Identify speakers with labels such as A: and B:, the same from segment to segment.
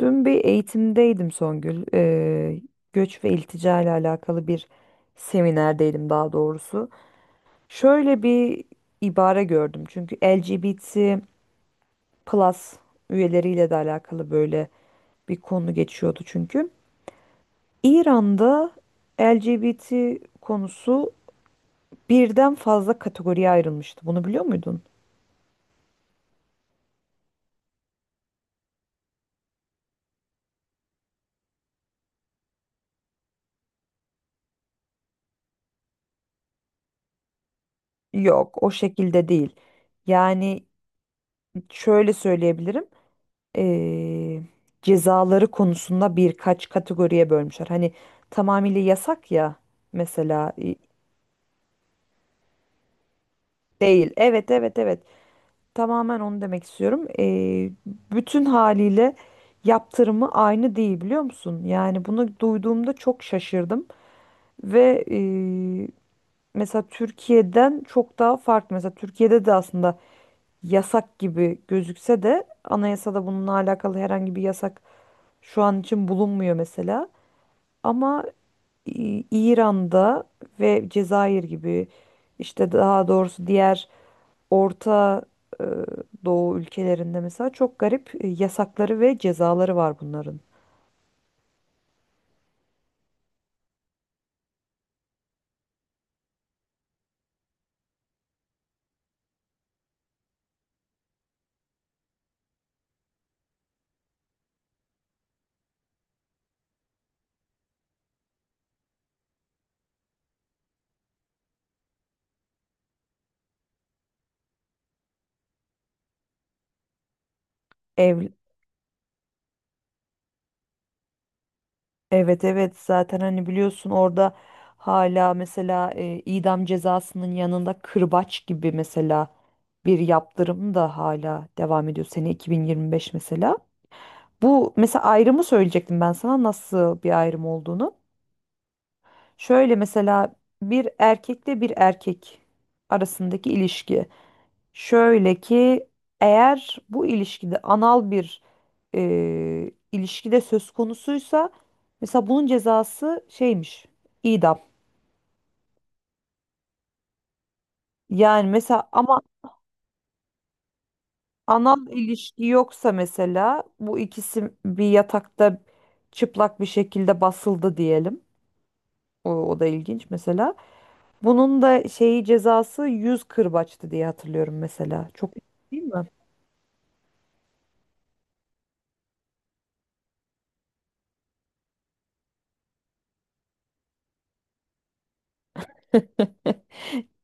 A: Dün bir eğitimdeydim Songül. Göç ve iltica ile alakalı bir seminerdeydim daha doğrusu. Şöyle bir ibare gördüm. Çünkü LGBT plus üyeleriyle de alakalı böyle bir konu geçiyordu çünkü. İran'da LGBT konusu birden fazla kategoriye ayrılmıştı. Bunu biliyor muydun? Yok, o şekilde değil. Yani şöyle söyleyebilirim. eee, Cezaları konusunda birkaç kategoriye bölmüşler. Hani tamamıyla yasak ya mesela değil. Evet, evet, evet. Tamamen onu demek istiyorum. Bütün haliyle yaptırımı aynı değil biliyor musun? Yani bunu duyduğumda çok şaşırdım ve mesela Türkiye'den çok daha farklı. Mesela Türkiye'de de aslında yasak gibi gözükse de anayasada bununla alakalı herhangi bir yasak şu an için bulunmuyor mesela. Ama İran'da ve Cezayir gibi işte daha doğrusu diğer Orta e, Doğu ülkelerinde mesela çok garip yasakları ve cezaları var bunların. Ev, evet, evet zaten hani biliyorsun orada hala mesela idam cezasının yanında kırbaç gibi mesela bir yaptırım da hala devam ediyor sene 2025 mesela. Bu mesela ayrımı söyleyecektim ben sana nasıl bir ayrım olduğunu. Şöyle mesela bir erkekle bir erkek arasındaki ilişki. Şöyle ki eğer bu ilişkide anal bir ilişkide söz konusuysa mesela bunun cezası şeymiş idam. Yani mesela ama anal ilişki yoksa mesela bu ikisi bir yatakta çıplak bir şekilde basıldı diyelim. O da ilginç mesela. Bunun da şeyi cezası 100 kırbaçtı diye hatırlıyorum mesela. Çok, değil mi?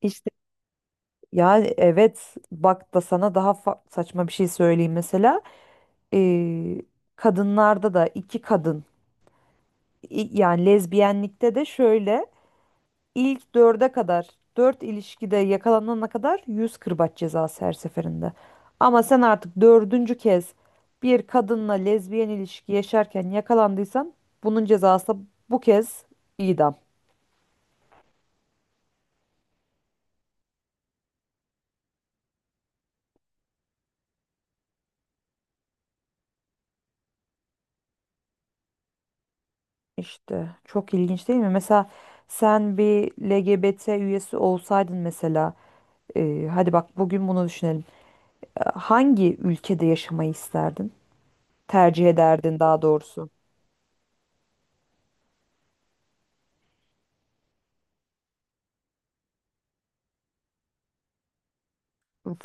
A: İşte ya evet bak da sana daha saçma bir şey söyleyeyim mesela. Ee, Kadınlarda da iki kadın yani lezbiyenlikte de şöyle ilk dörde kadar dört ilişkide yakalanana kadar 100 kırbaç cezası her seferinde. Ama sen artık dördüncü kez bir kadınla lezbiyen ilişki yaşarken yakalandıysan bunun cezası bu kez idam. İşte çok ilginç değil mi? Mesela sen bir LGBT üyesi olsaydın mesela hadi bak bugün bunu düşünelim. Hangi ülkede yaşamayı isterdin? Tercih ederdin daha doğrusu.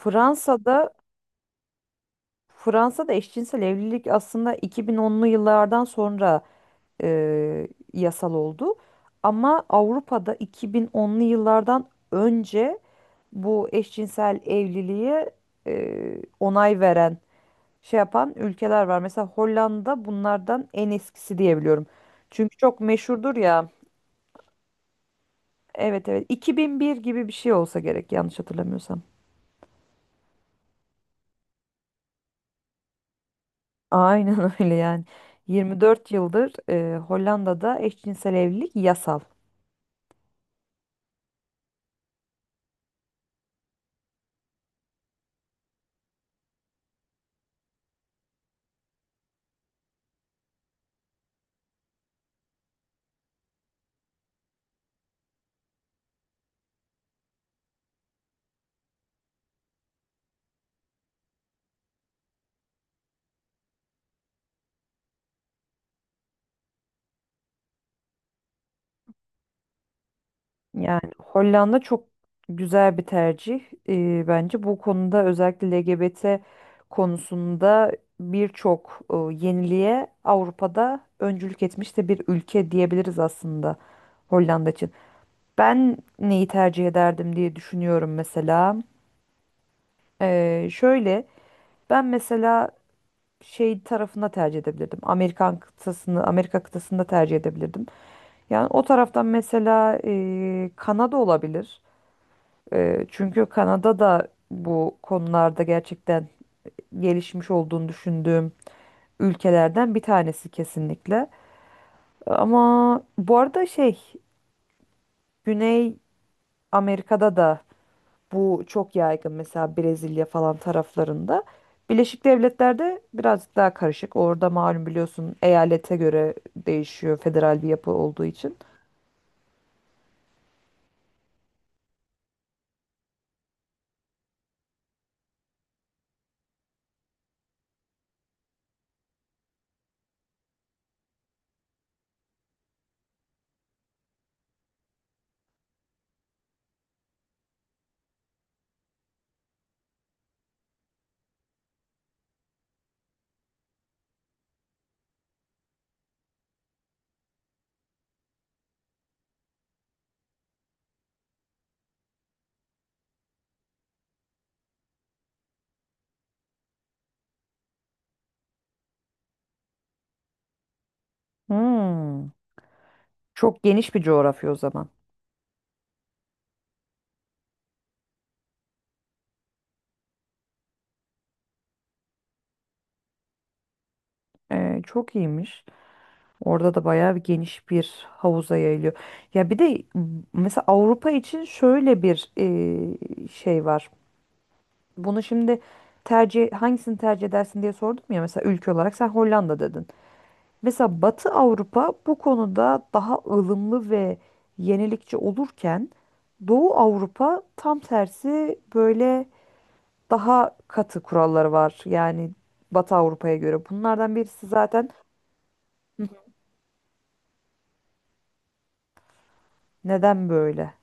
A: Fransa'da. Fransa'da eşcinsel evlilik aslında 2010'lu yıllardan sonra e, yasal oldu. Ama Avrupa'da 2010'lu yıllardan önce bu eşcinsel evliliğe onay veren şey yapan ülkeler var. Mesela Hollanda bunlardan en eskisi diyebiliyorum. Çünkü çok meşhurdur ya. Evet, evet, 2001 gibi bir şey olsa gerek yanlış hatırlamıyorsam. Aynen öyle yani. 24 yıldır Hollanda'da eşcinsel evlilik yasal. Yani Hollanda çok güzel bir tercih bence. Bu konuda özellikle LGBT konusunda birçok yeniliğe Avrupa'da öncülük etmiş de bir ülke diyebiliriz aslında Hollanda için. Ben neyi tercih ederdim diye düşünüyorum mesela. Şöyle ben mesela şey tarafında tercih edebilirdim. Amerikan kıtasını, Amerika kıtasında tercih edebilirdim. Yani o taraftan mesela Kanada olabilir. Çünkü Kanada da bu konularda gerçekten gelişmiş olduğunu düşündüğüm ülkelerden bir tanesi kesinlikle. Ama bu arada şey Güney Amerika'da da bu çok yaygın mesela Brezilya falan taraflarında. Birleşik Devletler'de birazcık daha karışık. Orada malum biliyorsun eyalete göre değişiyor federal bir yapı olduğu için. Hmm. Çok geniş bir coğrafya o zaman. Çok iyiymiş. Orada da bayağı bir geniş bir havuza yayılıyor. Ya bir de mesela Avrupa için şöyle bir şey var. Bunu şimdi tercih hangisini tercih edersin diye sordum ya mesela ülke olarak sen Hollanda dedin. Mesela Batı Avrupa bu konuda daha ılımlı ve yenilikçi olurken Doğu Avrupa tam tersi böyle daha katı kuralları var. Yani Batı Avrupa'ya göre. Bunlardan birisi zaten neden böyle?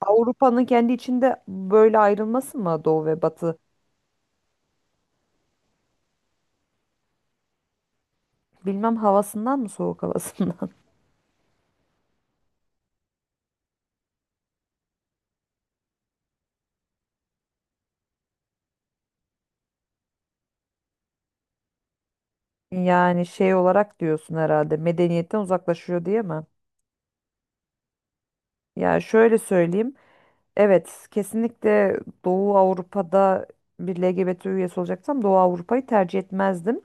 A: Avrupa'nın kendi içinde böyle ayrılması mı Doğu ve Batı? Bilmem havasından mı soğuk havasından? Yani şey olarak diyorsun herhalde medeniyetten uzaklaşıyor diye mi? Yani şöyle söyleyeyim. Evet, kesinlikle Doğu Avrupa'da bir LGBT üyesi olacaksam Doğu Avrupa'yı tercih etmezdim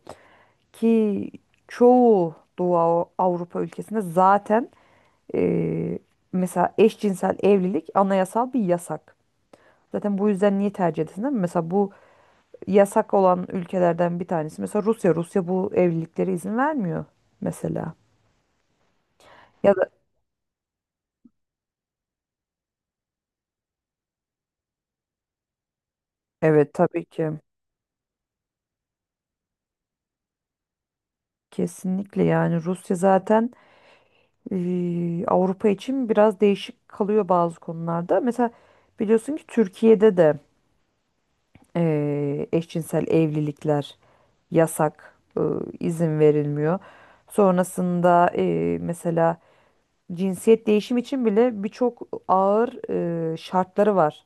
A: ki çoğu Doğu Avrupa ülkesinde zaten e, mesela eşcinsel evlilik anayasal bir yasak. Zaten bu yüzden niye tercih edesin değil mi? Mesela bu yasak olan ülkelerden bir tanesi. Mesela Rusya, Rusya bu evliliklere izin vermiyor mesela. Ya da, evet, tabii ki, kesinlikle yani Rusya zaten Avrupa için biraz değişik kalıyor bazı konularda. Mesela biliyorsun ki Türkiye'de de eşcinsel evlilikler yasak, izin verilmiyor. Sonrasında mesela cinsiyet değişimi için bile birçok ağır şartları var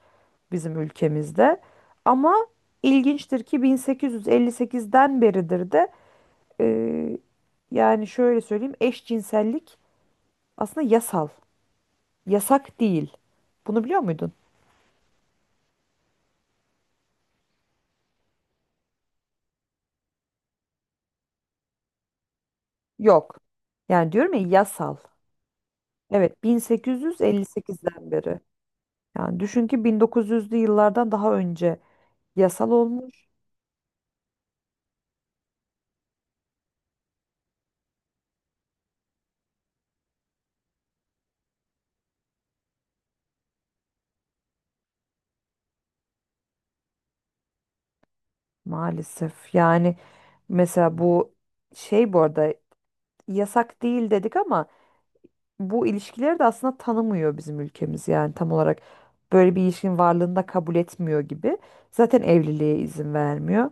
A: bizim ülkemizde. Ama ilginçtir ki 1858'den beridir de e, yani şöyle söyleyeyim eşcinsellik aslında yasal. Yasak değil. Bunu biliyor muydun? Yok. Yani diyorum ya yasal. Evet, 1858'den beri. Yani düşün ki 1900'lü yıllardan daha önce yasal olmuş. Maalesef. Yani mesela bu şey bu arada yasak değil dedik ama bu ilişkileri de aslında tanımıyor bizim ülkemiz. Yani tam olarak böyle bir ilişkinin varlığını da kabul etmiyor gibi. Zaten evliliğe izin vermiyor.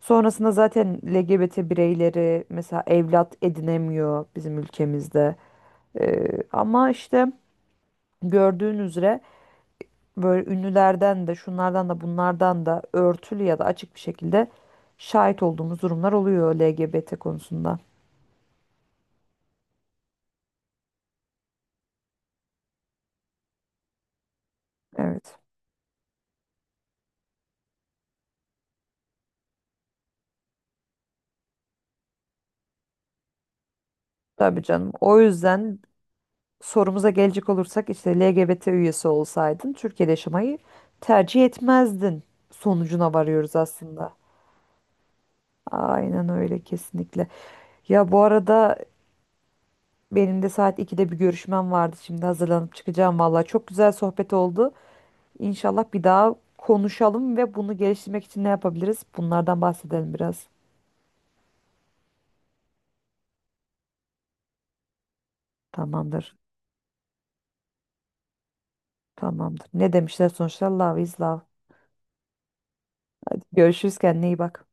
A: Sonrasında zaten LGBT bireyleri mesela evlat edinemiyor bizim ülkemizde. Ama işte gördüğün üzere böyle ünlülerden de şunlardan da bunlardan da örtülü ya da açık bir şekilde şahit olduğumuz durumlar oluyor LGBT konusunda. Evet. Tabii canım. O yüzden sorumuza gelecek olursak işte LGBT üyesi olsaydın Türkiye'de yaşamayı tercih etmezdin sonucuna varıyoruz aslında. Aynen öyle kesinlikle. Ya bu arada, benim de saat 2'de bir görüşmem vardı. Şimdi hazırlanıp çıkacağım valla. Çok güzel sohbet oldu. İnşallah bir daha konuşalım ve bunu geliştirmek için ne yapabiliriz? Bunlardan bahsedelim biraz. Tamamdır. Tamamdır. Ne demişler sonuçta? Love is love. Görüşürüz, kendine iyi bak.